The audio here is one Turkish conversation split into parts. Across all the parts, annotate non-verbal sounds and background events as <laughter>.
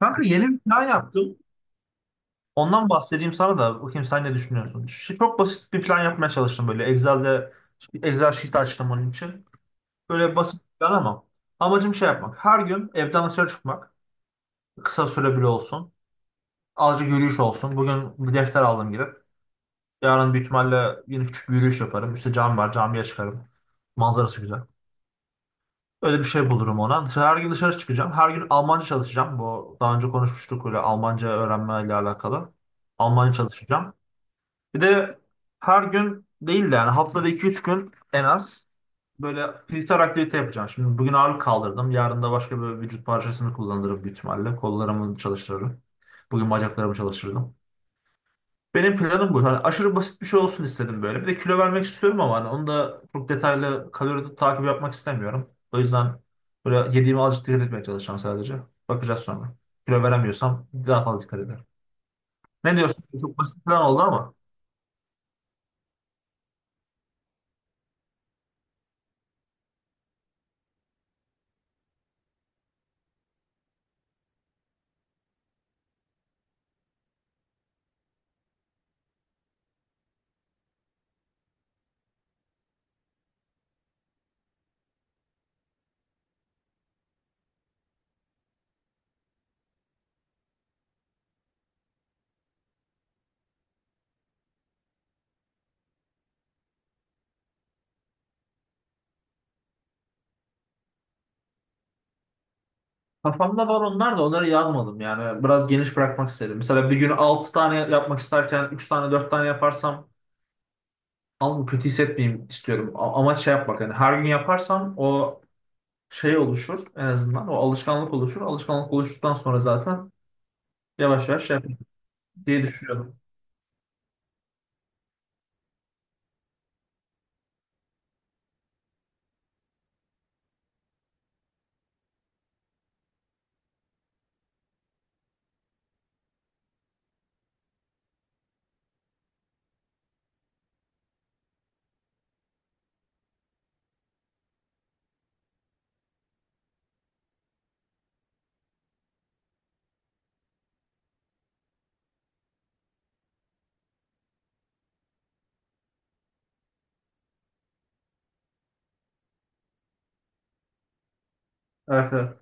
Kanka yeni bir plan yaptım. Ondan bahsedeyim sana da bakayım sen ne düşünüyorsun. Çok basit bir plan yapmaya çalıştım böyle. Excel sheet açtım onun için. Böyle basit bir plan ama amacım şey yapmak. Her gün evden dışarı çıkmak. Kısa süre bile olsun. Azıcık yürüyüş olsun. Bugün bir defter aldım gidip. Yarın yine küçük bir yürüyüş yaparım. Üste çıkarım. Manzarası güzel. Öyle bir şey bulurum ona. Her gün dışarı çıkacağım. Her gün Almanca çalışacağım. Bu daha önce konuşmuştuk öyle Almanca öğrenmeyle alakalı. Almanca çalışacağım. Bir de her gün değil de yani haftada iki üç gün en az böyle fiziksel aktivite yapacağım. Şimdi bugün ağırlık kaldırdım. Yarın da başka bir vücut parçasını kullanırım büyük ihtimalle. Kollarımı çalıştırırım. Bugün bacaklarımı çalıştırdım. Benim planım bu. Hani aşırı basit bir şey olsun istedim böyle. Bir de kilo vermek istiyorum ama hani onu da çok detaylı kalori takip yapmak istemiyorum. O yüzden böyle yediğime azıcık dikkat etmeye çalışacağım sadece. Bakacağız sonra. Kilo veremiyorsam daha fazla dikkat ederim. Ne diyorsun? Çok basit plan oldu ama. Kafamda var onlar da onları yazmadım yani. Biraz geniş bırakmak istedim. Mesela bir gün 6 tane yapmak isterken 3 tane 4 tane yaparsam alnımı kötü hissetmeyeyim istiyorum. Ama şey yapmak yani her gün yaparsam o şey oluşur en azından. O alışkanlık oluşur. Alışkanlık oluştuktan sonra zaten yavaş yavaş şey yapayım diye düşünüyorum. Evet, evet.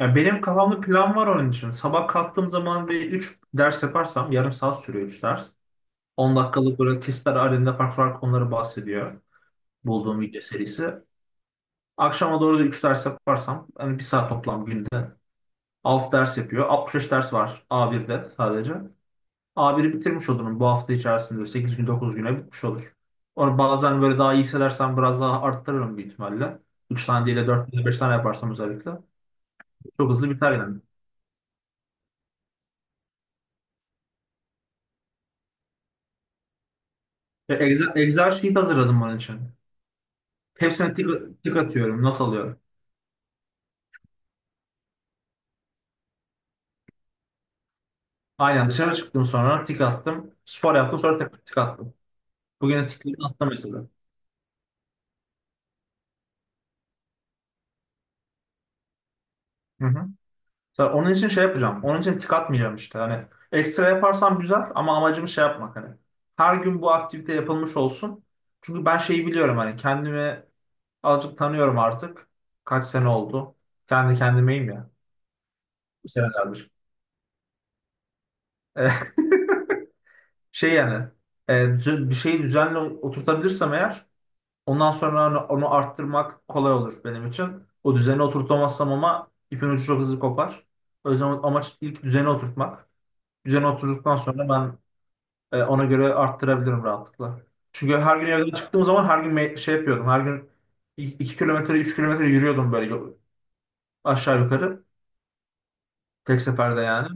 Yani benim kafamda plan var onun için. Sabah kalktığım zaman bir 3 ders yaparsam yarım saat sürüyor 3 ders. 10 dakikalık böyle kesitler halinde farklı farklı konuları bahsediyor. Bulduğum video serisi. Akşama doğru da 3 ders yaparsam hani bir saat toplam günde 6 ders yapıyor. 65 ders var A1'de sadece. A1'i bitirmiş olurum bu hafta içerisinde 8 gün 9 güne bitmiş olur. Onu bazen böyle daha iyi hissedersem biraz daha arttırırım büyük ihtimalle. 3 tane değil de 4 tane 5 tane yaparsam özellikle. Çok hızlı biter yani. Ve Excel sheet hazırladım bunun için. Hepsine tik, tik atıyorum, not alıyorum. Aynen dışarı çıktım sonra tik attım. Spor yaptım sonra tekrar tik attım. Bugün tikleri attım mesela. Hı hı. Ben onun için şey yapacağım. Onun için tik atmayacağım işte. Hani ekstra yaparsam güzel ama amacım şey yapmak hani. Her gün bu aktivite yapılmış olsun. Çünkü ben şeyi biliyorum hani kendimi azıcık tanıyorum artık. Kaç sene oldu. Kendi kendimeyim ya. Bu senelerdir. E, <laughs> Şey yani bir şeyi düzenli oturtabilirsem eğer ondan sonra onu arttırmak kolay olur benim için. O düzeni oturtamazsam ama ipin ucu çok hızlı kopar. O yüzden amaç ilk düzeni oturtmak. Düzeni oturduktan sonra ben ona göre arttırabilirim rahatlıkla. Çünkü her gün evden çıktığım zaman her gün şey yapıyordum. Her gün 2 kilometre 3 kilometre yürüyordum böyle aşağı yukarı. Tek seferde yani.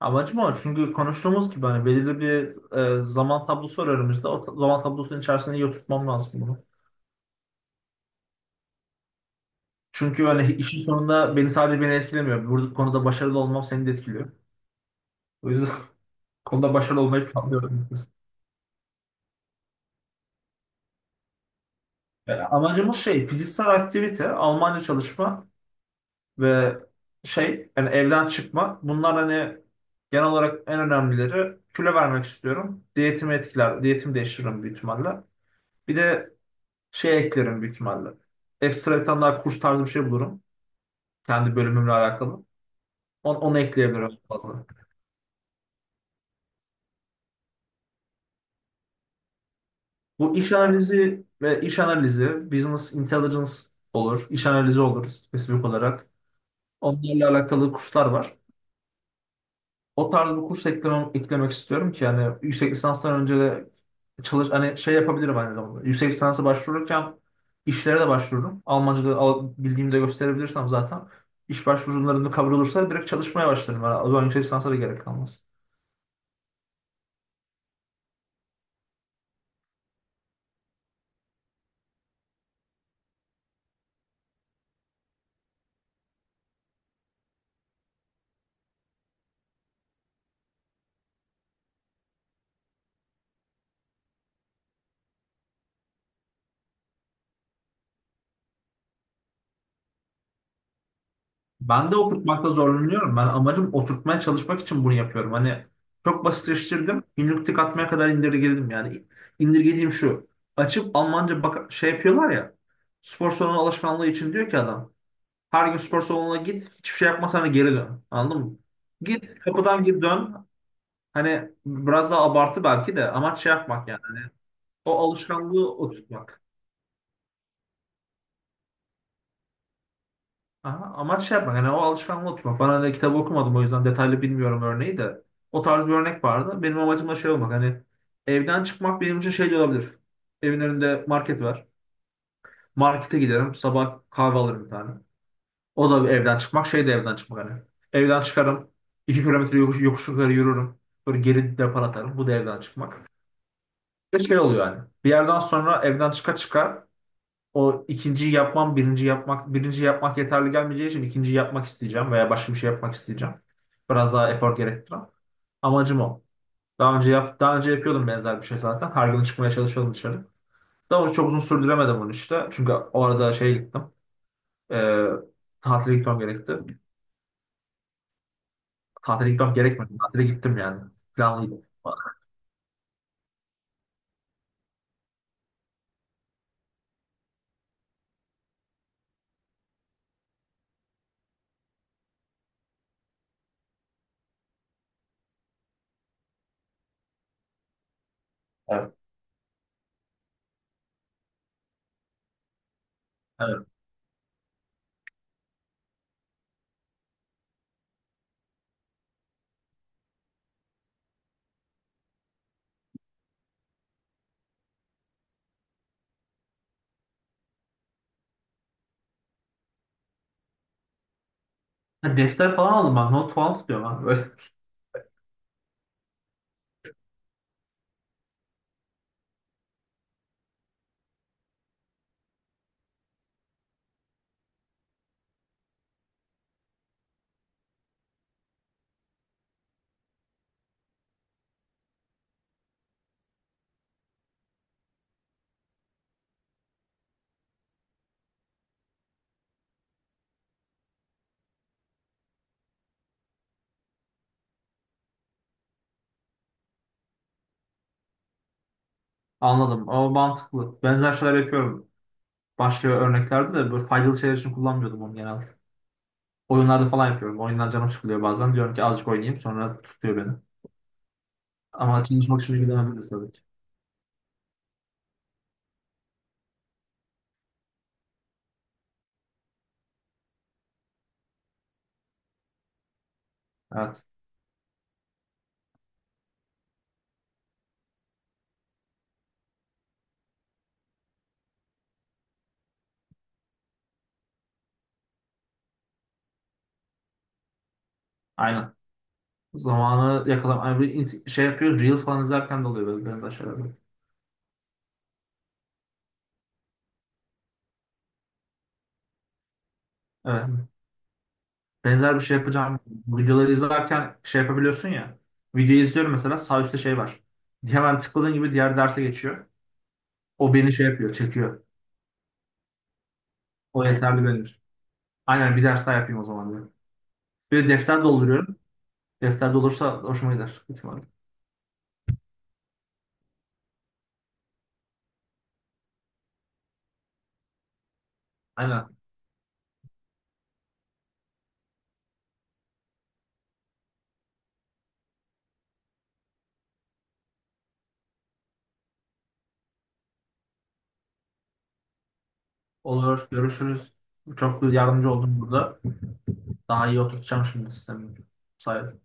Amacım o. Çünkü konuştuğumuz gibi hani belirli bir zaman tablosu var önümüzde. O zaman tablosunun içerisinde iyi oturtmam lazım bunu. Çünkü hani işin sonunda beni sadece beni etkilemiyor. Burada konuda başarılı olmam seni de etkiliyor. O yüzden <laughs> konuda başarılı olmayı planlıyorum. Yani amacımız şey fiziksel aktivite, Almanca çalışma, ve şey yani evden çıkma. Bunlar hani genel olarak en önemlileri. Kilo vermek istiyorum. Diyetimi etkiler. Diyetimi değiştiririm büyük ihtimalle. Bir de şey eklerim büyük ihtimalle. Ekstra bir tane daha kurs tarzı bir şey bulurum. Kendi bölümümle alakalı. Onu ekleyebilirim fazla. Bu iş analizi ve iş analizi, business intelligence olur. iş analizi olur spesifik olarak. Onlarla alakalı kurslar var. O tarz bir kurs eklemek istiyorum ki yani yüksek lisanstan önce de çalış hani şey yapabilirim aynı zamanda. Yüksek lisansa başvururken işlere de başvururum. Almanca'da bildiğimde gösterebilirsem zaten iş başvurularında kabul olursa direkt çalışmaya başlarım. Yani o zaman yüksek lisansa da gerek kalmaz. Ben de oturtmakta zorlanıyorum. Ben amacım oturtmaya çalışmak için bunu yapıyorum. Hani çok basitleştirdim. Günlük tık atmaya kadar indirgedim yani. İndirgediğim şu. Açıp Almanca bak şey yapıyorlar ya. Spor salonu alışkanlığı için diyor ki adam. Her gün spor salonuna git. Hiçbir şey yapmasana geri dön. Anladın mı? Git kapıdan gir dön. Hani biraz daha abartı belki de amaç şey yapmak yani. Hani o alışkanlığı oturtmak. Aha, amaç şey yapmak. Yani o alışkanlığı oturtmak. Ben hani kitabı okumadım o yüzden detaylı bilmiyorum örneği de. O tarz bir örnek vardı. Benim amacım da şey olmak. Hani evden çıkmak benim için şey de olabilir. Evin önünde market var. Markete giderim. Sabah kahve alırım bir tane. O da evden çıkmak, şey de evden çıkmak hani. Evden çıkarım, 2 kilometre yokuş yukarı yürürüm. Böyle geri depar atarım. Bu da evden çıkmak. Ve şey oluyor yani. Bir yerden sonra evden çıka çıka o ikinciyi yapmam, birinci yapmak, birinci yapmak yeterli gelmeyeceği için ikinciyi yapmak isteyeceğim veya başka bir şey yapmak isteyeceğim. Biraz daha efor gerektiren. Amacım o. Daha önce yapıyordum benzer bir şey zaten. Her gün çıkmaya çalışıyordum dışarı. Daha önce çok uzun sürdüremedim onu işte. Çünkü o arada şeye gittim. Ee, Tatile gitmem gerekti. Tatile gitmem gerekmedi. Tatile gittim yani. Planlıydım. Evet. Evet. Ha, defter falan aldım bak. Not falan tutuyorum ben böyle. <laughs> Anladım ama mantıklı. Benzer şeyler yapıyorum. Başka örneklerde de böyle faydalı şeyler için kullanmıyordum onu genelde. Oyunlarda falan yapıyorum. Oyundan canım sıkılıyor bazen. Diyorum ki azıcık oynayayım sonra tutuyor beni. Ama çalışmak için ilgilenebiliriz tabii ki. Evet. Aynen. Zamanı yakalam. Yani bir şey yapıyor. Reels falan izlerken de oluyor böyle benzer şeyler. Evet. Benzer bir şey yapacağım. Videoları izlerken şey yapabiliyorsun ya. Videoyu izliyorum mesela sağ üstte şey var. Hemen tıkladığın gibi diğer derse geçiyor. O beni şey yapıyor, çekiyor. O yeterli benim. Aynen bir ders daha yapayım o zaman diyorum. Bir de defter dolduruyorum. Defter dolursa hoşuma gider. Büyük ihtimalle. Aynen. Olur. Görüşürüz. Çok yardımcı oldum burada. Daha iyi oturtacağım şimdi sistemi. Sayın.